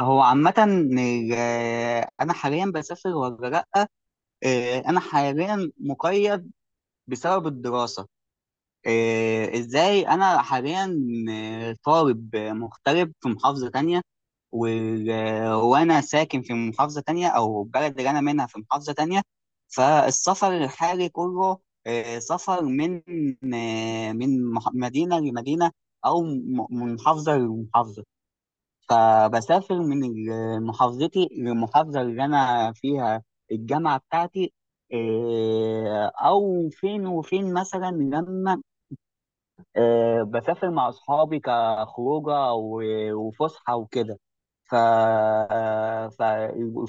هو عامة. أنا حاليا بسافر ولا لأ؟ أنا حاليا مقيد بسبب الدراسة. إزاي؟ أنا حاليا طالب مغترب في محافظة تانية. و- وأنا ساكن في محافظة تانية أو البلد اللي أنا منها في محافظة تانية. فالسفر الحالي كله سفر من مدينة لمدينة أو من محافظة لمحافظة. فبسافر من محافظتي للمحافظة اللي أنا فيها الجامعة بتاعتي، أو فين وفين مثلا لما بسافر مع أصحابي كخروجة وفسحة وكده. ف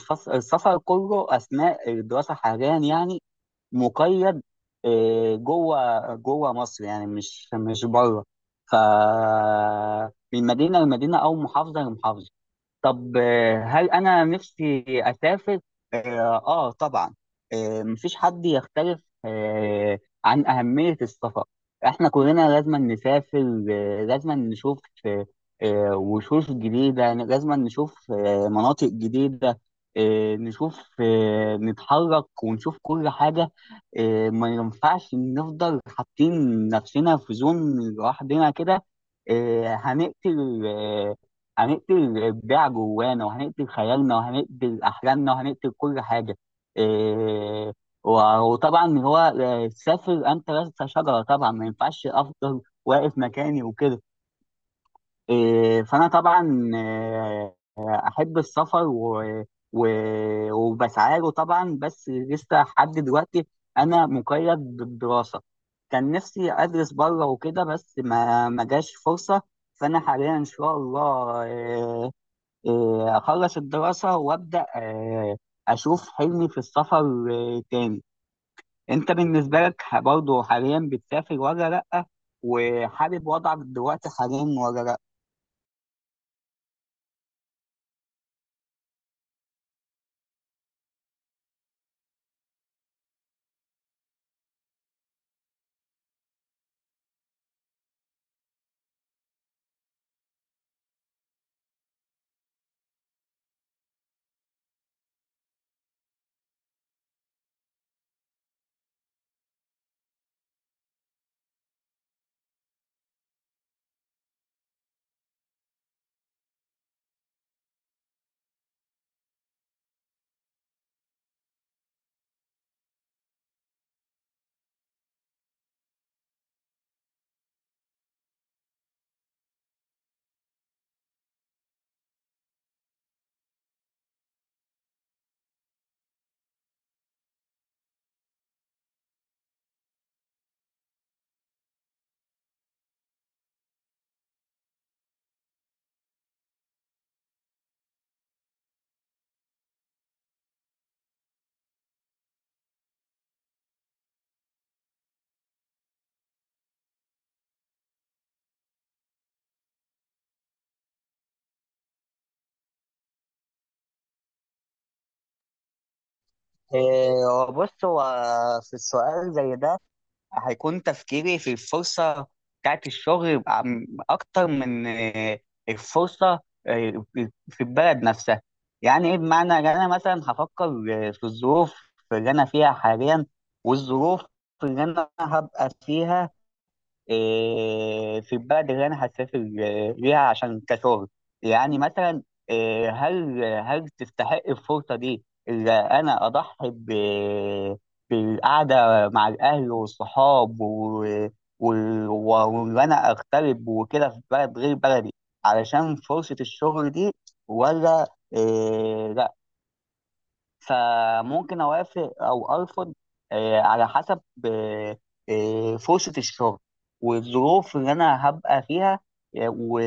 فالسفر كله أثناء الدراسة حاليا يعني مقيد، جوه جوه مصر يعني مش بره. ف من مدينة لمدينة أو محافظة لمحافظة. طب، هل انا نفسي اسافر؟ طبعا. مفيش حد يختلف عن اهمية السفر. احنا كلنا لازم نسافر، لازم نشوف آه، وشوش جديدة، لازم نشوف مناطق جديدة، نشوف، نتحرك ونشوف كل حاجة. ما ينفعش نفضل حاطين نفسنا في زون لوحدنا كده، آه، هنقتل آه، هنقتل الابداع جوانا وهنقتل خيالنا وهنقتل احلامنا وهنقتل كل حاجه. إيه وطبعا اللي هو سافر، انت لست شجره طبعا، ما ينفعش افضل واقف مكاني وكده. فانا طبعا احب السفر و و وبسعى له طبعا، بس لسه لحد دلوقتي انا مقيد بالدراسه. كان نفسي ادرس بره وكده، بس ما جاش فرصه. فانا حاليا ان شاء الله آه، اخلص الدراسه وابدا اشوف حلمي في السفر تاني. انت بالنسبه لك برضه حاليا بتسافر ولا لا؟ وحابب وضعك دلوقتي حاليا ولا لا؟ بص، هو في السؤال زي ده هيكون تفكيري في الفرصة بتاعت الشغل أكتر من الفرصة آه، في البلد نفسها. يعني إيه، بمعنى إن أنا مثلا هفكر في الظروف اللي أنا فيها حاليا والظروف اللي أنا هبقى فيها في البلد اللي انا هسافر ليها عشان كشغل. يعني مثلا، هل تستحق الفرصه دي اللي انا اضحي بالقعده مع الاهل والصحاب و- وان انا اغترب وكده في بلد غير بلدي علشان فرصه الشغل دي، ولا لا؟ فممكن اوافق او ارفض على حسب آه، فرصه الشغل والظروف اللي انا هبقى فيها آه، و-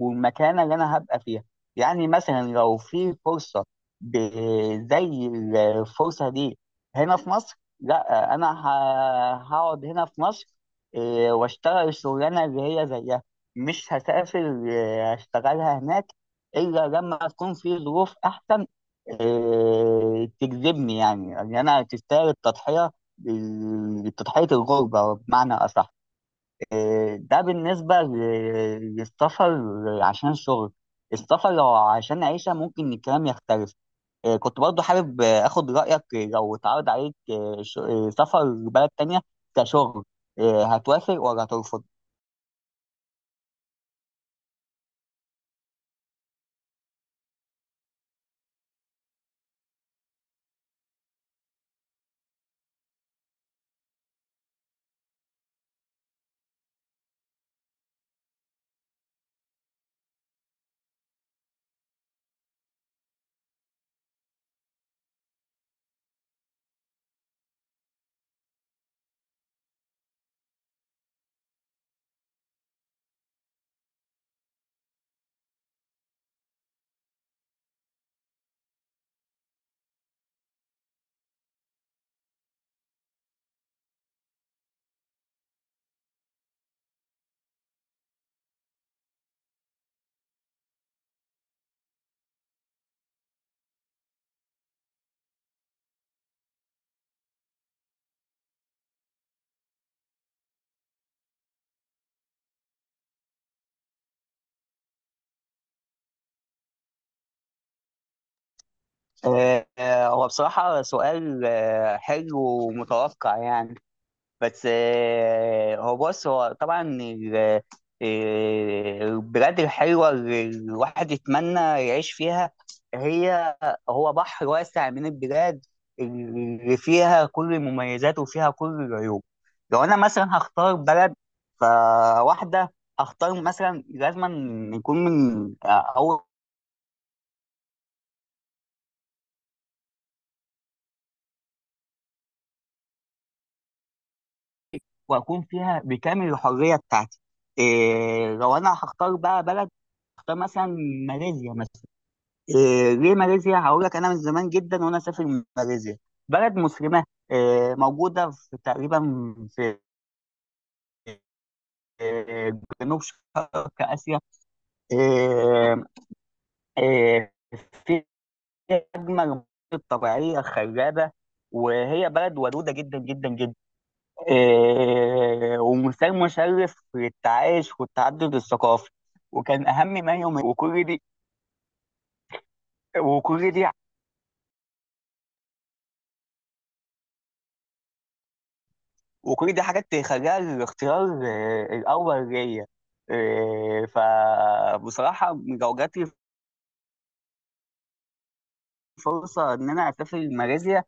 والمكانه اللي انا هبقى فيها. يعني مثلا لو في فرصه زي الفرصه دي هنا في مصر، لا انا هقعد هنا في مصر واشتغل الشغلانه اللي هي زيها، مش هسافر اشتغلها هناك الا لما تكون في ظروف احسن تجذبني، يعني انا تستاهل التضحيه، تضحيه الغربه بمعنى اصح. ده بالنسبه للسفر عشان الشغل. السفر لو عشان عيشه ممكن الكلام يختلف. كنت برضو حابب اخد رايك، لو اتعرض عليك سفر لبلد تانية كشغل، هتوافق ولا هترفض؟ هو بصراحه سؤال حلو ومتوقع يعني. بس هو، بص، هو طبعا البلاد الحلوه اللي الواحد يتمنى يعيش فيها، هي هو بحر واسع من البلاد اللي فيها كل المميزات وفيها كل العيوب. لو انا مثلا هختار بلد فواحده، هختار مثلا، لازم يكون من او، واكون فيها بكامل الحريه بتاعتي. لو انا هختار بقى بلد، هختار مثلا ماليزيا مثلا. ليه ماليزيا؟ هقول لك، انا من زمان جدا وانا اسافر ماليزيا. بلد مسلمه، موجوده في تقريبا في جنوب شرق اسيا، إيه، إيه، في اجمل المناطق الطبيعيه خلابه، وهي بلد ودوده جدا جدا جدا، ومثال مشرف للتعايش والتعدد الثقافي. وكان اهم ما يوم، وكل دي وكل دي حاجات تخليها الاختيار الاول ليا. فبصراحه لو جات لي فرصه ان انا اسافر ماليزيا،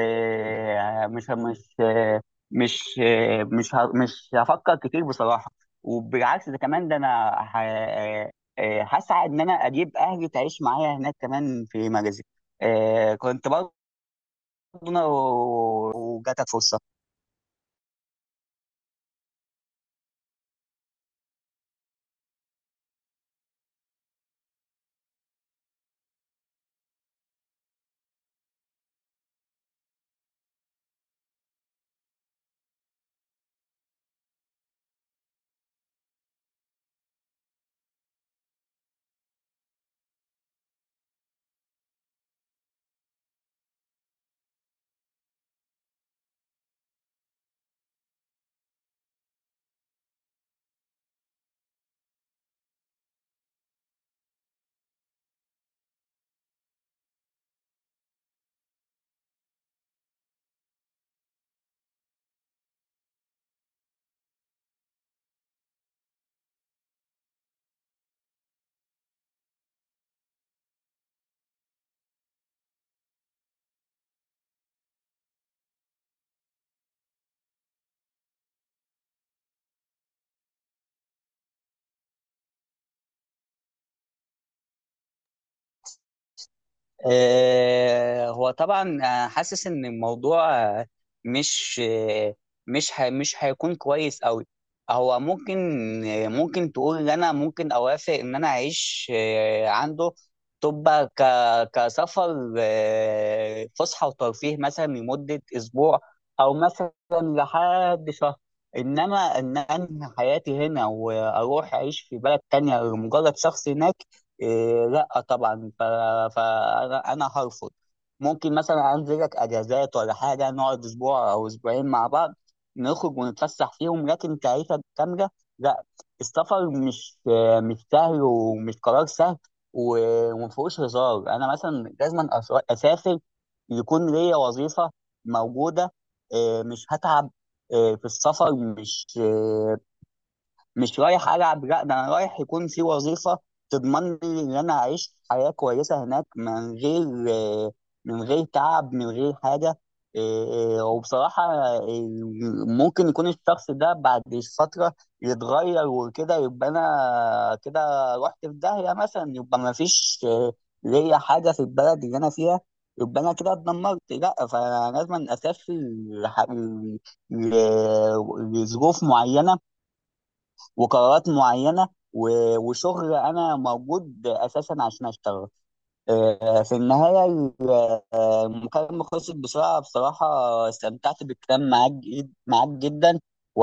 مش مش آه، مش آه، مش ه- مش هفكر كتير بصراحه، وبالعكس ده كمان، ده انا هسعى ان انا اجيب اهلي تعيش معايا هناك كمان في ماليزيا. كنت برضه انا وجاتك فرصه. هو طبعا أنا حاسس ان الموضوع آه، مش آه، مش هيكون كويس قوي. هو ممكن تقول ان انا ممكن اوافق ان انا اعيش عنده، تبقى كسفر فسحه وترفيه مثلا لمده اسبوع او مثلا لحد شهر. انما ان انهي حياتي هنا واروح اعيش في بلد تانية لمجرد شخص هناك، لا طبعا. فانا هرفض. ممكن مثلا انزلك اجازات ولا حاجه، نقعد اسبوع او اسبوعين مع بعض، نخرج ونتفسح فيهم، لكن كعيشه كامله، لا. السفر مش سهل ومش قرار سهل، ومفهوش هزار. انا مثلا لازم اسافر يكون ليا وظيفه موجوده، مش هتعب، في السفر مش رايح العب، لا، ده انا رايح يكون في وظيفه تضمن لي ان انا اعيش حياه كويسه هناك من غير من غير تعب من غير حاجه. وبصراحه إيه، ممكن يكون الشخص ده بعد فتره يتغير وكده، يبقى انا كده رحت في داهيه مثلا، يبقى ما فيش ليا حاجه في البلد اللي انا فيها، يبقى انا كده اتدمرت، لا فلازم اسافر لح- ل- لظروف معينه وقرارات معينه وشغل انا موجود اساسا عشان اشتغل. في النهايه المكالمه خلصت بسرعه بصراحه. استمتعت بالكلام معاك جدا.